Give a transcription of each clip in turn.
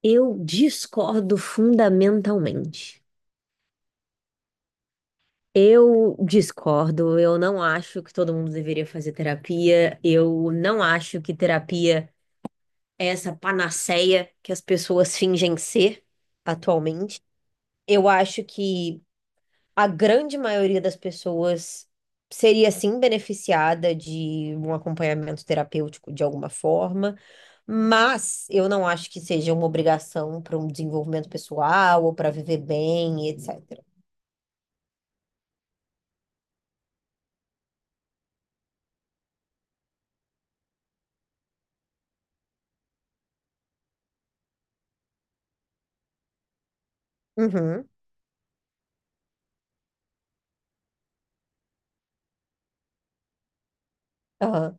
Eu discordo fundamentalmente. Eu discordo, eu não acho que todo mundo deveria fazer terapia, eu não acho que terapia é essa panaceia que as pessoas fingem ser atualmente. Eu acho que a grande maioria das pessoas seria sim beneficiada de um acompanhamento terapêutico de alguma forma, mas eu não acho que seja uma obrigação para um desenvolvimento pessoal ou para viver bem, etc. Uhum. Aham.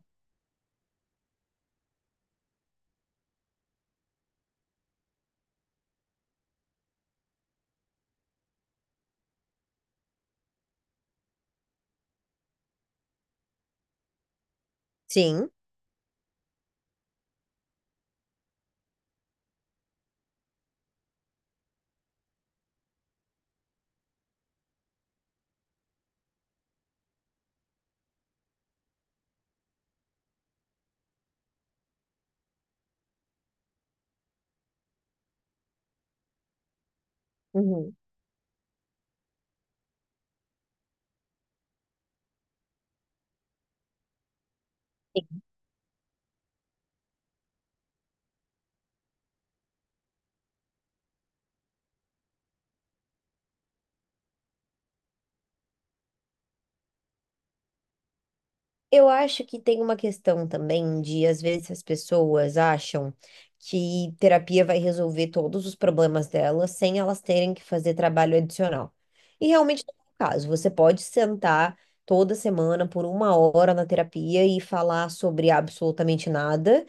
Sim. Uhum. Sim. Eu acho que tem uma questão também de, às vezes, as pessoas acham que terapia vai resolver todos os problemas delas sem elas terem que fazer trabalho adicional. E realmente não é o caso. Você pode sentar toda semana por uma hora na terapia e falar sobre absolutamente nada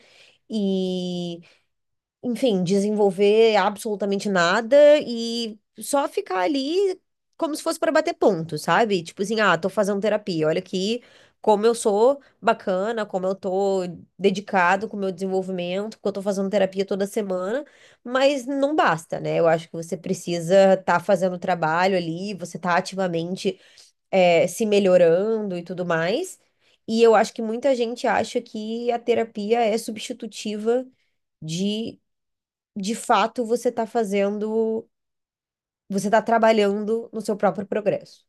enfim, desenvolver absolutamente nada e só ficar ali como se fosse para bater ponto, sabe? Tipo assim, ah, tô fazendo terapia, olha aqui como eu sou bacana, como eu tô dedicado com o meu desenvolvimento, porque eu tô fazendo terapia toda semana, mas não basta, né? Eu acho que você precisa estar fazendo o trabalho ali, você tá ativamente, se melhorando e tudo mais. E eu acho que muita gente acha que a terapia é substitutiva de de fato você está fazendo, você está trabalhando no seu próprio progresso.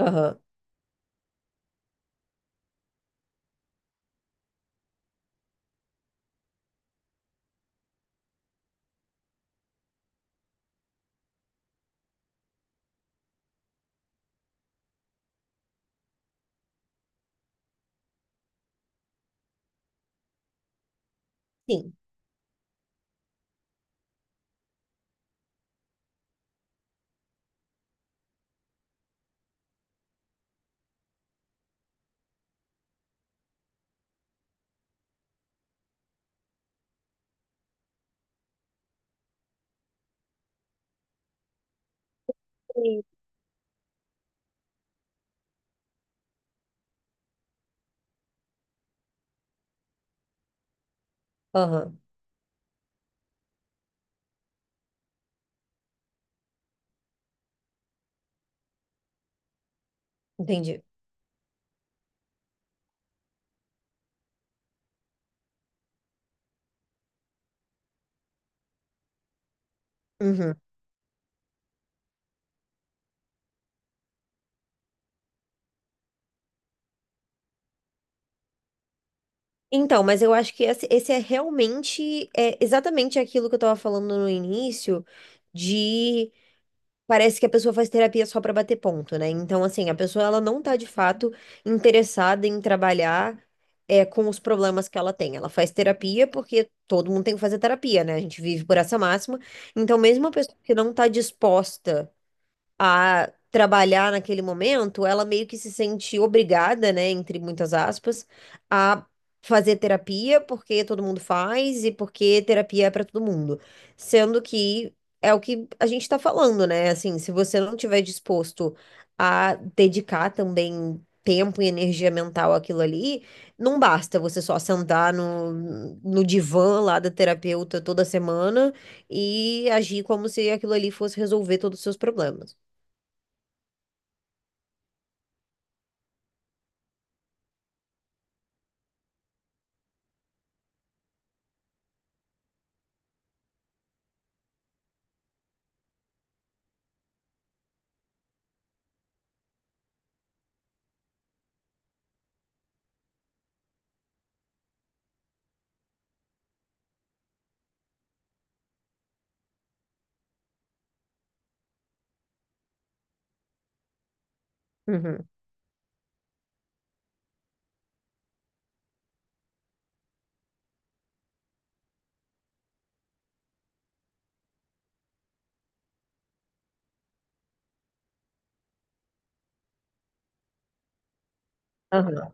Aham. Sim. Sim. Aham. Entendi. Uhum. Então, mas eu acho que esse é realmente, é exatamente aquilo que eu estava falando no início, de parece que a pessoa faz terapia só para bater ponto, né? Então, assim, a pessoa ela não tá de fato interessada em trabalhar com os problemas que ela tem. Ela faz terapia porque todo mundo tem que fazer terapia, né? A gente vive por essa máxima. Então, mesmo a pessoa que não tá disposta a trabalhar naquele momento, ela meio que se sente obrigada, né, entre muitas aspas, a fazer terapia porque todo mundo faz e porque terapia é para todo mundo. Sendo que é o que a gente está falando, né? Assim, se você não tiver disposto a dedicar também tempo e energia mental àquilo ali, não basta você só sentar no divã lá da terapeuta toda semana e agir como se aquilo ali fosse resolver todos os seus problemas. Uhum, aham.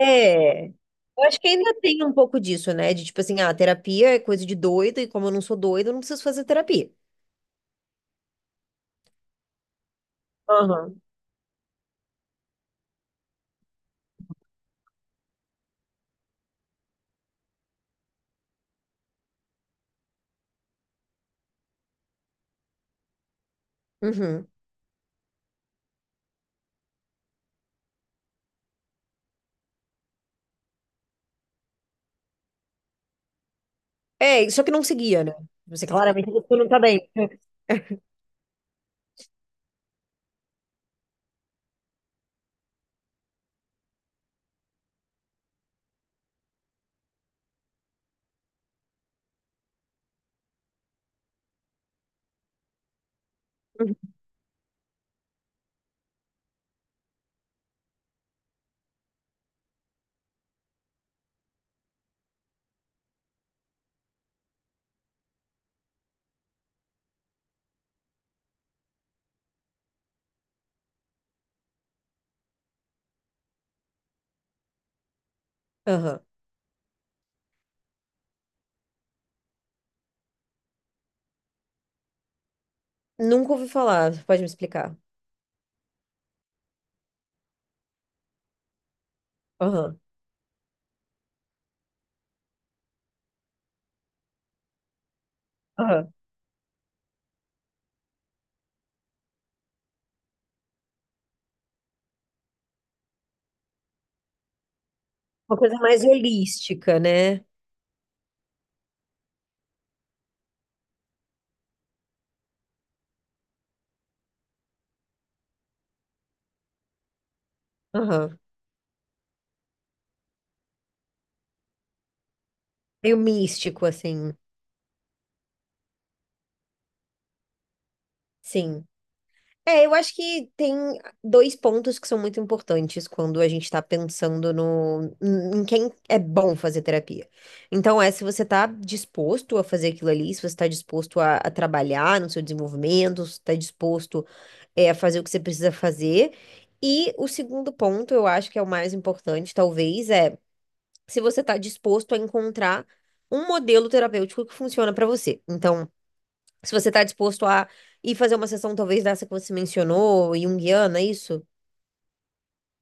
É. Eu acho que ainda tem um pouco disso, né? De tipo assim, ah, terapia é coisa de doido, e como eu não sou doida, eu não preciso fazer terapia. Aham. Uhum. É, só que não seguia, né? Você claramente você não tá bem. Uhum. Aham. Nunca ouvi falar, pode me explicar. Aham. Aham. Uma coisa mais holística, né? Aham. Meio místico, assim. Sim. É, eu acho que tem dois pontos que são muito importantes quando a gente está pensando no, em quem é bom fazer terapia. Então, é se você está disposto a fazer aquilo ali, se você está disposto a trabalhar no seu desenvolvimento, se está disposto, a fazer o que você precisa fazer. E o segundo ponto, eu acho que é o mais importante, talvez, é se você está disposto a encontrar um modelo terapêutico que funciona para você. Então, se você está disposto a ir fazer uma sessão, talvez dessa que você mencionou, junguiana, é isso?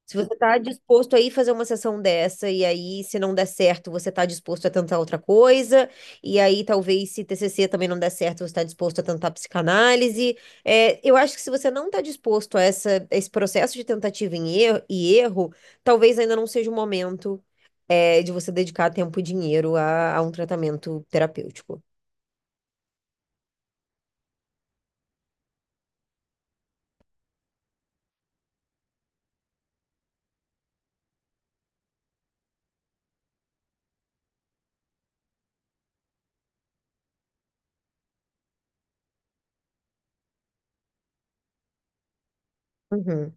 Se você está disposto a ir fazer uma sessão dessa, e aí, se não der certo, você está disposto a tentar outra coisa, e aí, talvez, se TCC também não der certo, você está disposto a tentar psicanálise. É, eu acho que se você não está disposto a esse processo de tentativa e erro, talvez ainda não seja o momento, de você dedicar tempo e dinheiro a um tratamento terapêutico. Uhum.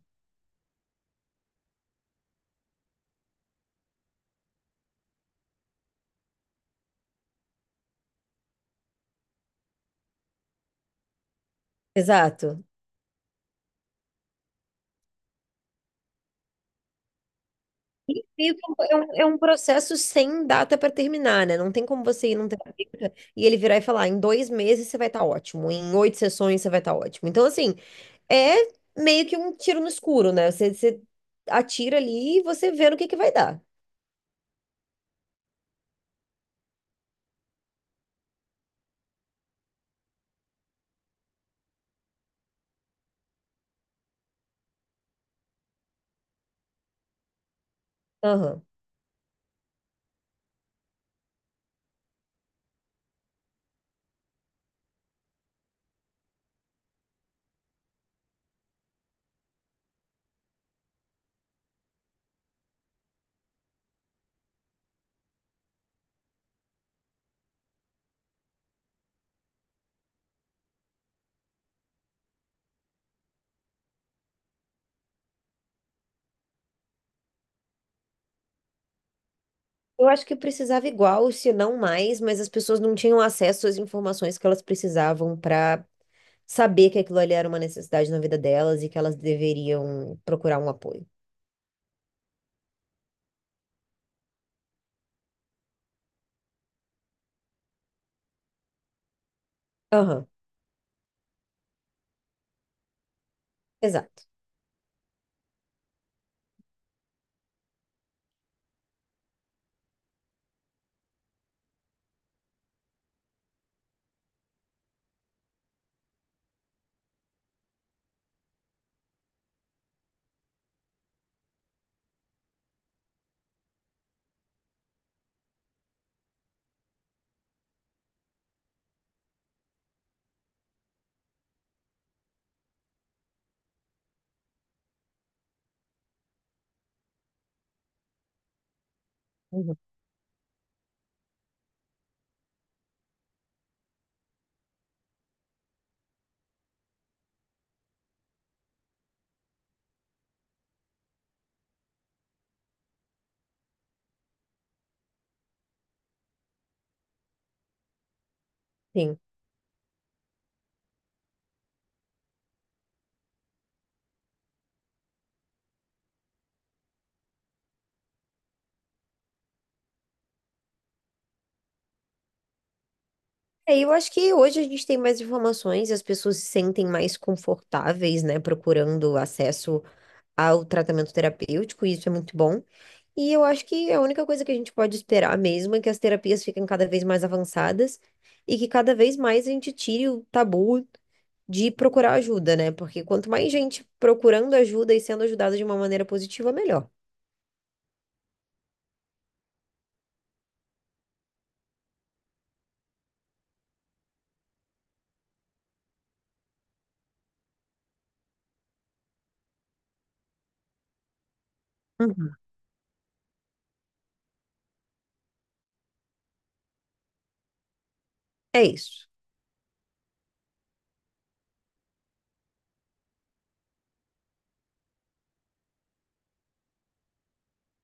Exato. E é um processo sem data para terminar, né? Não tem como você ir num terapeuta e ele virar e falar, em 2 meses você vai estar ótimo, em oito sessões você vai estar ótimo. Então, assim, é meio que um tiro no escuro, né? Você atira ali e você vê no que vai dar. Aham. Eu acho que precisava igual, se não mais, mas as pessoas não tinham acesso às informações que elas precisavam para saber que aquilo ali era uma necessidade na vida delas e que elas deveriam procurar um apoio. Aham, exato. Uhum. Sim. É, eu acho que hoje a gente tem mais informações, as pessoas se sentem mais confortáveis, né, procurando acesso ao tratamento terapêutico, e isso é muito bom. E eu acho que a única coisa que a gente pode esperar mesmo é que as terapias fiquem cada vez mais avançadas e que cada vez mais a gente tire o tabu de procurar ajuda, né? Porque quanto mais gente procurando ajuda e sendo ajudada de uma maneira positiva, melhor. Uhum. É isso.